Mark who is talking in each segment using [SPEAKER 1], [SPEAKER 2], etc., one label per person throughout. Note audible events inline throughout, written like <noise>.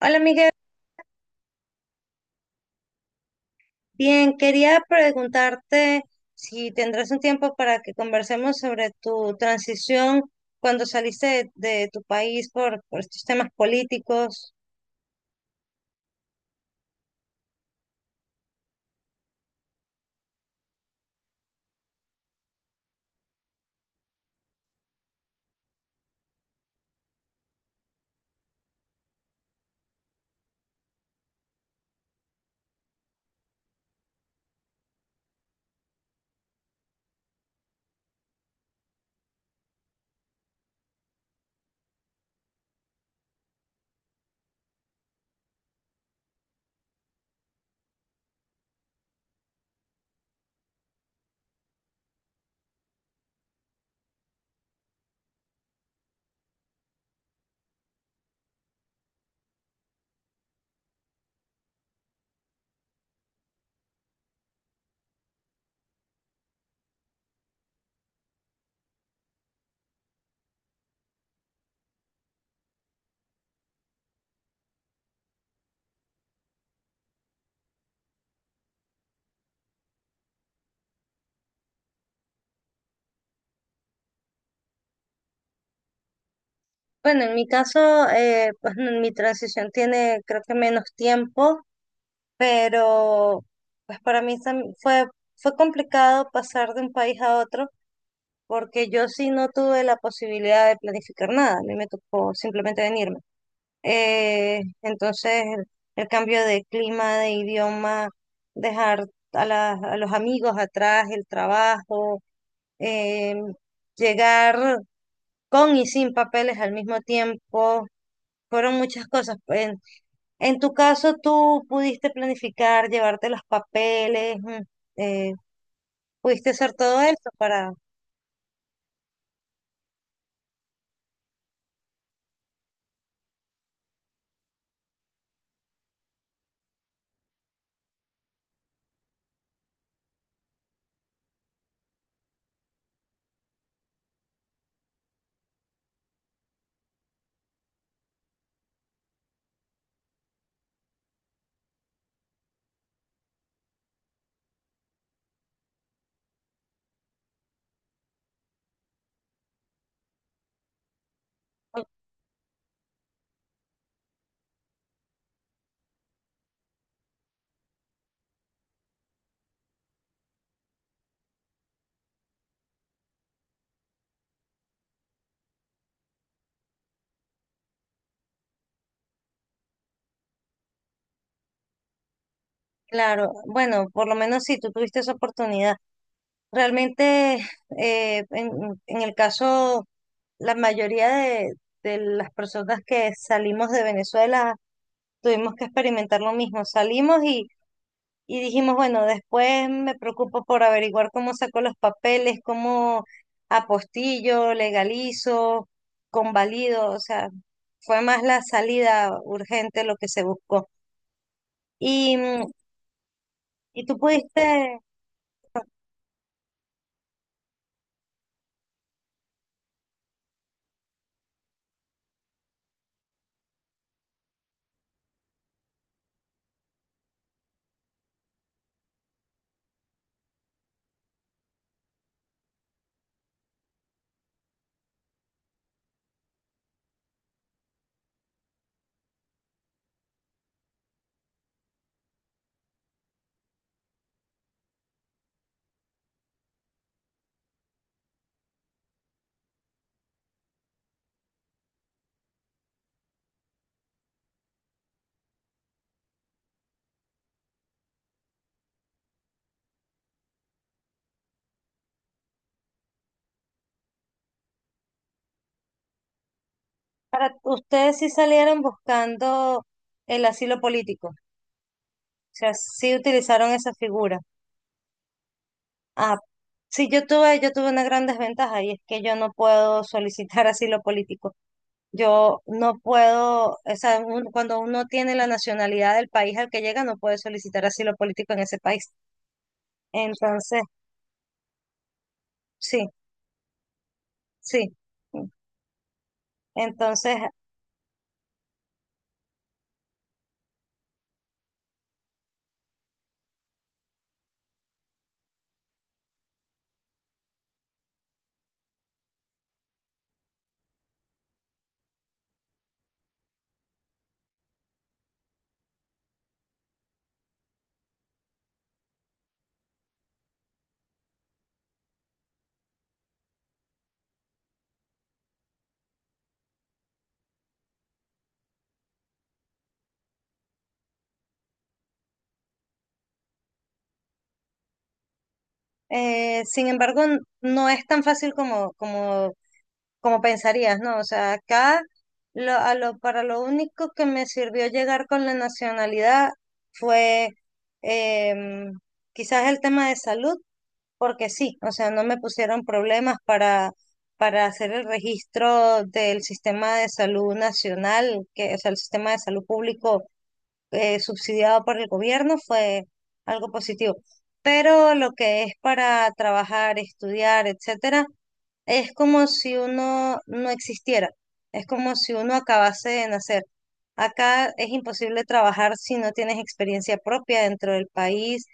[SPEAKER 1] Hola Miguel, bien, quería preguntarte si tendrás un tiempo para que conversemos sobre tu transición cuando saliste de tu país por estos temas políticos. Bueno, en mi caso, pues, <laughs> mi transición tiene creo que menos tiempo, pero pues para mí fue complicado pasar de un país a otro porque yo sí no tuve la posibilidad de planificar nada, a mí me tocó simplemente venirme. Entonces, el cambio de clima, de idioma, dejar a los amigos atrás, el trabajo, eh, llegar con y sin papeles al mismo tiempo, fueron muchas cosas. En tu caso, tú pudiste planificar, llevarte los papeles, eh, pudiste hacer todo esto para... Claro, bueno, por lo menos si tú tuviste esa oportunidad. Realmente, <laughs> eh, en, en el caso la mayoría de las personas que salimos de Venezuela tuvimos que experimentar lo mismo. Y dijimos, bueno, después me preocupo por averiguar cómo saco los papeles, cómo apostillo, legalizo, convalido. O sea, fue más la salida urgente lo que se buscó. Y, mm, y tú pudiste, para ustedes sí salieron buscando el asilo político. O sea, sí utilizaron esa figura. Ah, sí, yo tuve una gran desventaja y es que yo no puedo solicitar <laughs> asilo político. Yo no puedo, o sea, cuando uno tiene la nacionalidad del país al que llega, no puede solicitar asilo político en ese país. Entonces, sí, sí. Entonces, sin embargo, no es tan fácil como pensarías, ¿no? O sea, acá para lo único que me sirvió llegar con la nacionalidad fue em, quizás el tema de salud porque sí, o sea, no me pusieron problemas para hacer el registro del sistema de salud nacional, que, o sea, el sistema de salud público subsidiado por el gobierno fue algo positivo. Pero lo que es para trabajar, estudiar, etcétera, es como si uno no existiera, es como si uno acabase de nacer. Acá es imposible trabajar si no tienes experiencia propia dentro del país,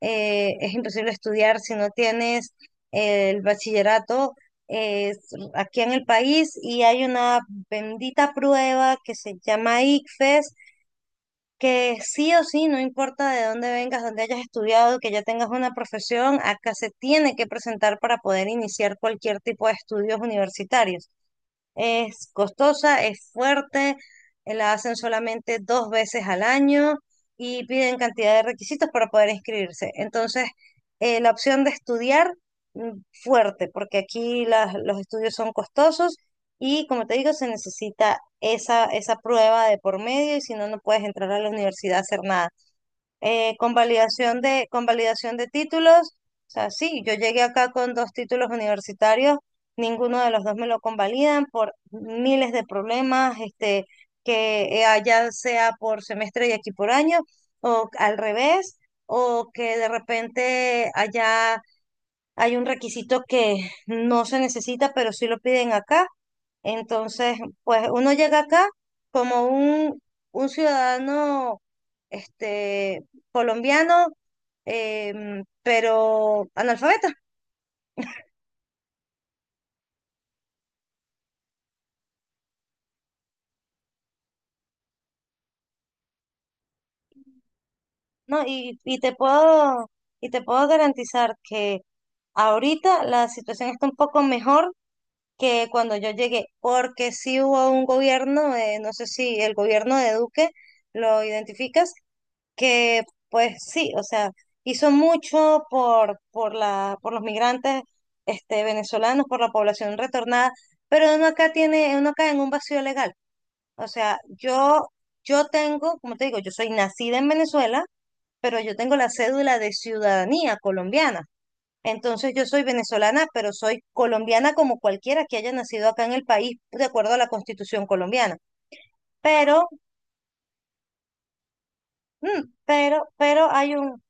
[SPEAKER 1] es imposible estudiar si no tienes el bachillerato eh, aquí en el país y hay una bendita prueba que se llama ICFES que sí o sí, no importa de dónde vengas, dónde hayas estudiado, que ya tengas una profesión, acá se tiene que presentar para poder iniciar cualquier tipo de estudios universitarios. Es costosa, es fuerte, la hacen solamente 2 veces al año y piden cantidad de requisitos para poder inscribirse. Entonces, la opción de estudiar, mm, fuerte, porque aquí los estudios son costosos y, como te digo, se necesita esa prueba de por medio y si no, no puedes entrar a la universidad a hacer nada convalidación de títulos. O sea, sí, yo llegué acá con 2 títulos universitarios, ninguno de los dos me lo convalidan por miles de problemas, este, que allá sea por semestre y aquí por año, o al revés, o que de repente allá hay un requisito que no se necesita, pero sí lo piden acá. Entonces, pues uno llega acá como un ciudadano este, colombiano, pero analfabeta, ¿no? Y te puedo garantizar que ahorita la situación está un poco mejor que cuando yo llegué, porque sí hubo un gobierno, no sé si el gobierno de Duque lo identificas, que pues sí, o sea, hizo mucho por los migrantes este, venezolanos, por la población retornada, pero uno acá tiene, uno cae en un vacío legal. O sea, yo tengo, como te digo, yo soy nacida en Venezuela, pero yo tengo la cédula de ciudadanía colombiana. Entonces yo soy venezolana, pero soy colombiana como cualquiera que haya nacido acá en el país, de acuerdo a la Constitución colombiana. Pero, pero hay un,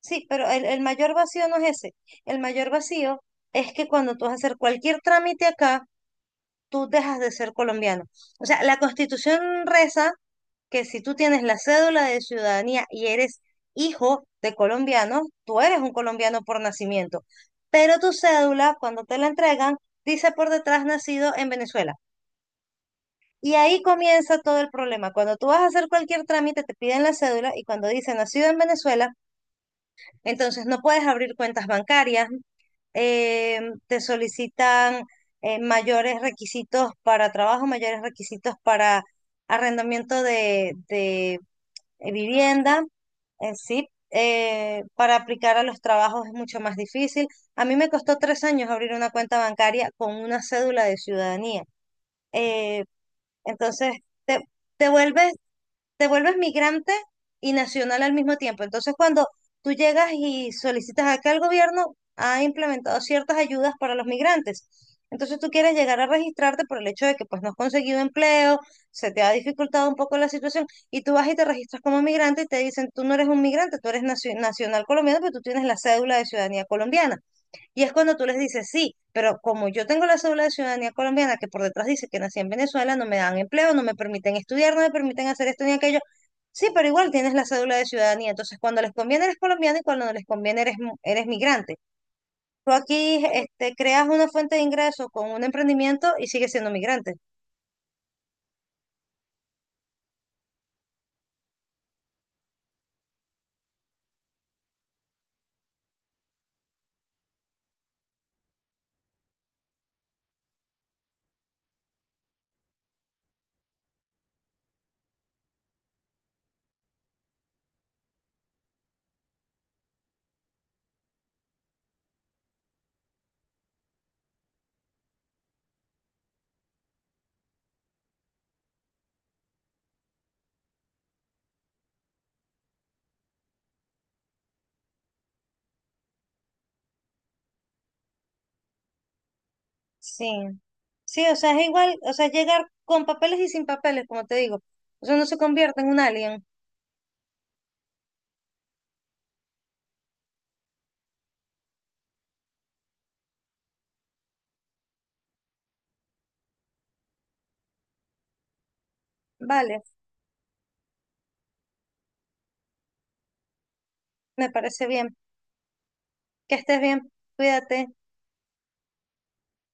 [SPEAKER 1] sí, pero el mayor vacío no es ese. El mayor vacío es que cuando tú vas a hacer cualquier trámite acá, tú dejas de ser colombiano. O sea, la Constitución reza que si tú tienes la cédula de ciudadanía y eres hijo de colombiano, tú eres un colombiano por nacimiento. Pero tu cédula, cuando te la entregan, dice por detrás nacido en Venezuela. Y ahí comienza todo el problema. Cuando tú vas a hacer cualquier trámite, te piden la cédula y cuando dice nacido en Venezuela, entonces no puedes abrir cuentas bancarias, eh, te solicitan mayores requisitos para trabajo, mayores requisitos para arrendamiento vivienda, en sí. Para aplicar a los trabajos es mucho más difícil. A mí me costó 3 años abrir una cuenta bancaria con una cédula de ciudadanía. Eh, entonces, te, te vuelves migrante y nacional al mismo tiempo. Entonces, cuando tú llegas y solicitas acá el gobierno, ha implementado ciertas ayudas para los migrantes. Entonces, tú quieres llegar a registrarte por el hecho de que pues no has conseguido empleo, se te ha dificultado un poco la situación y tú vas y te registras como migrante y te dicen, tú no eres un migrante, tú eres nacional colombiano, pero tú tienes la cédula de ciudadanía colombiana. Y es cuando tú les dices, sí, pero como yo tengo la cédula de ciudadanía colombiana, que por detrás dice que nací en Venezuela, no me dan empleo, no me permiten estudiar, no me permiten hacer esto ni aquello. Sí, pero igual tienes la cédula de ciudadanía. Entonces, cuando les conviene eres colombiano y cuando no les conviene eres, eres migrante. Tú aquí este, creas una fuente de ingreso con un emprendimiento y sigues siendo migrante. Sí. Sí, o sea, es igual, o sea, llegar con papeles y sin papeles, como te digo. O sea, no se convierte en un alien. Vale, me parece bien. Que estés bien. Cuídate.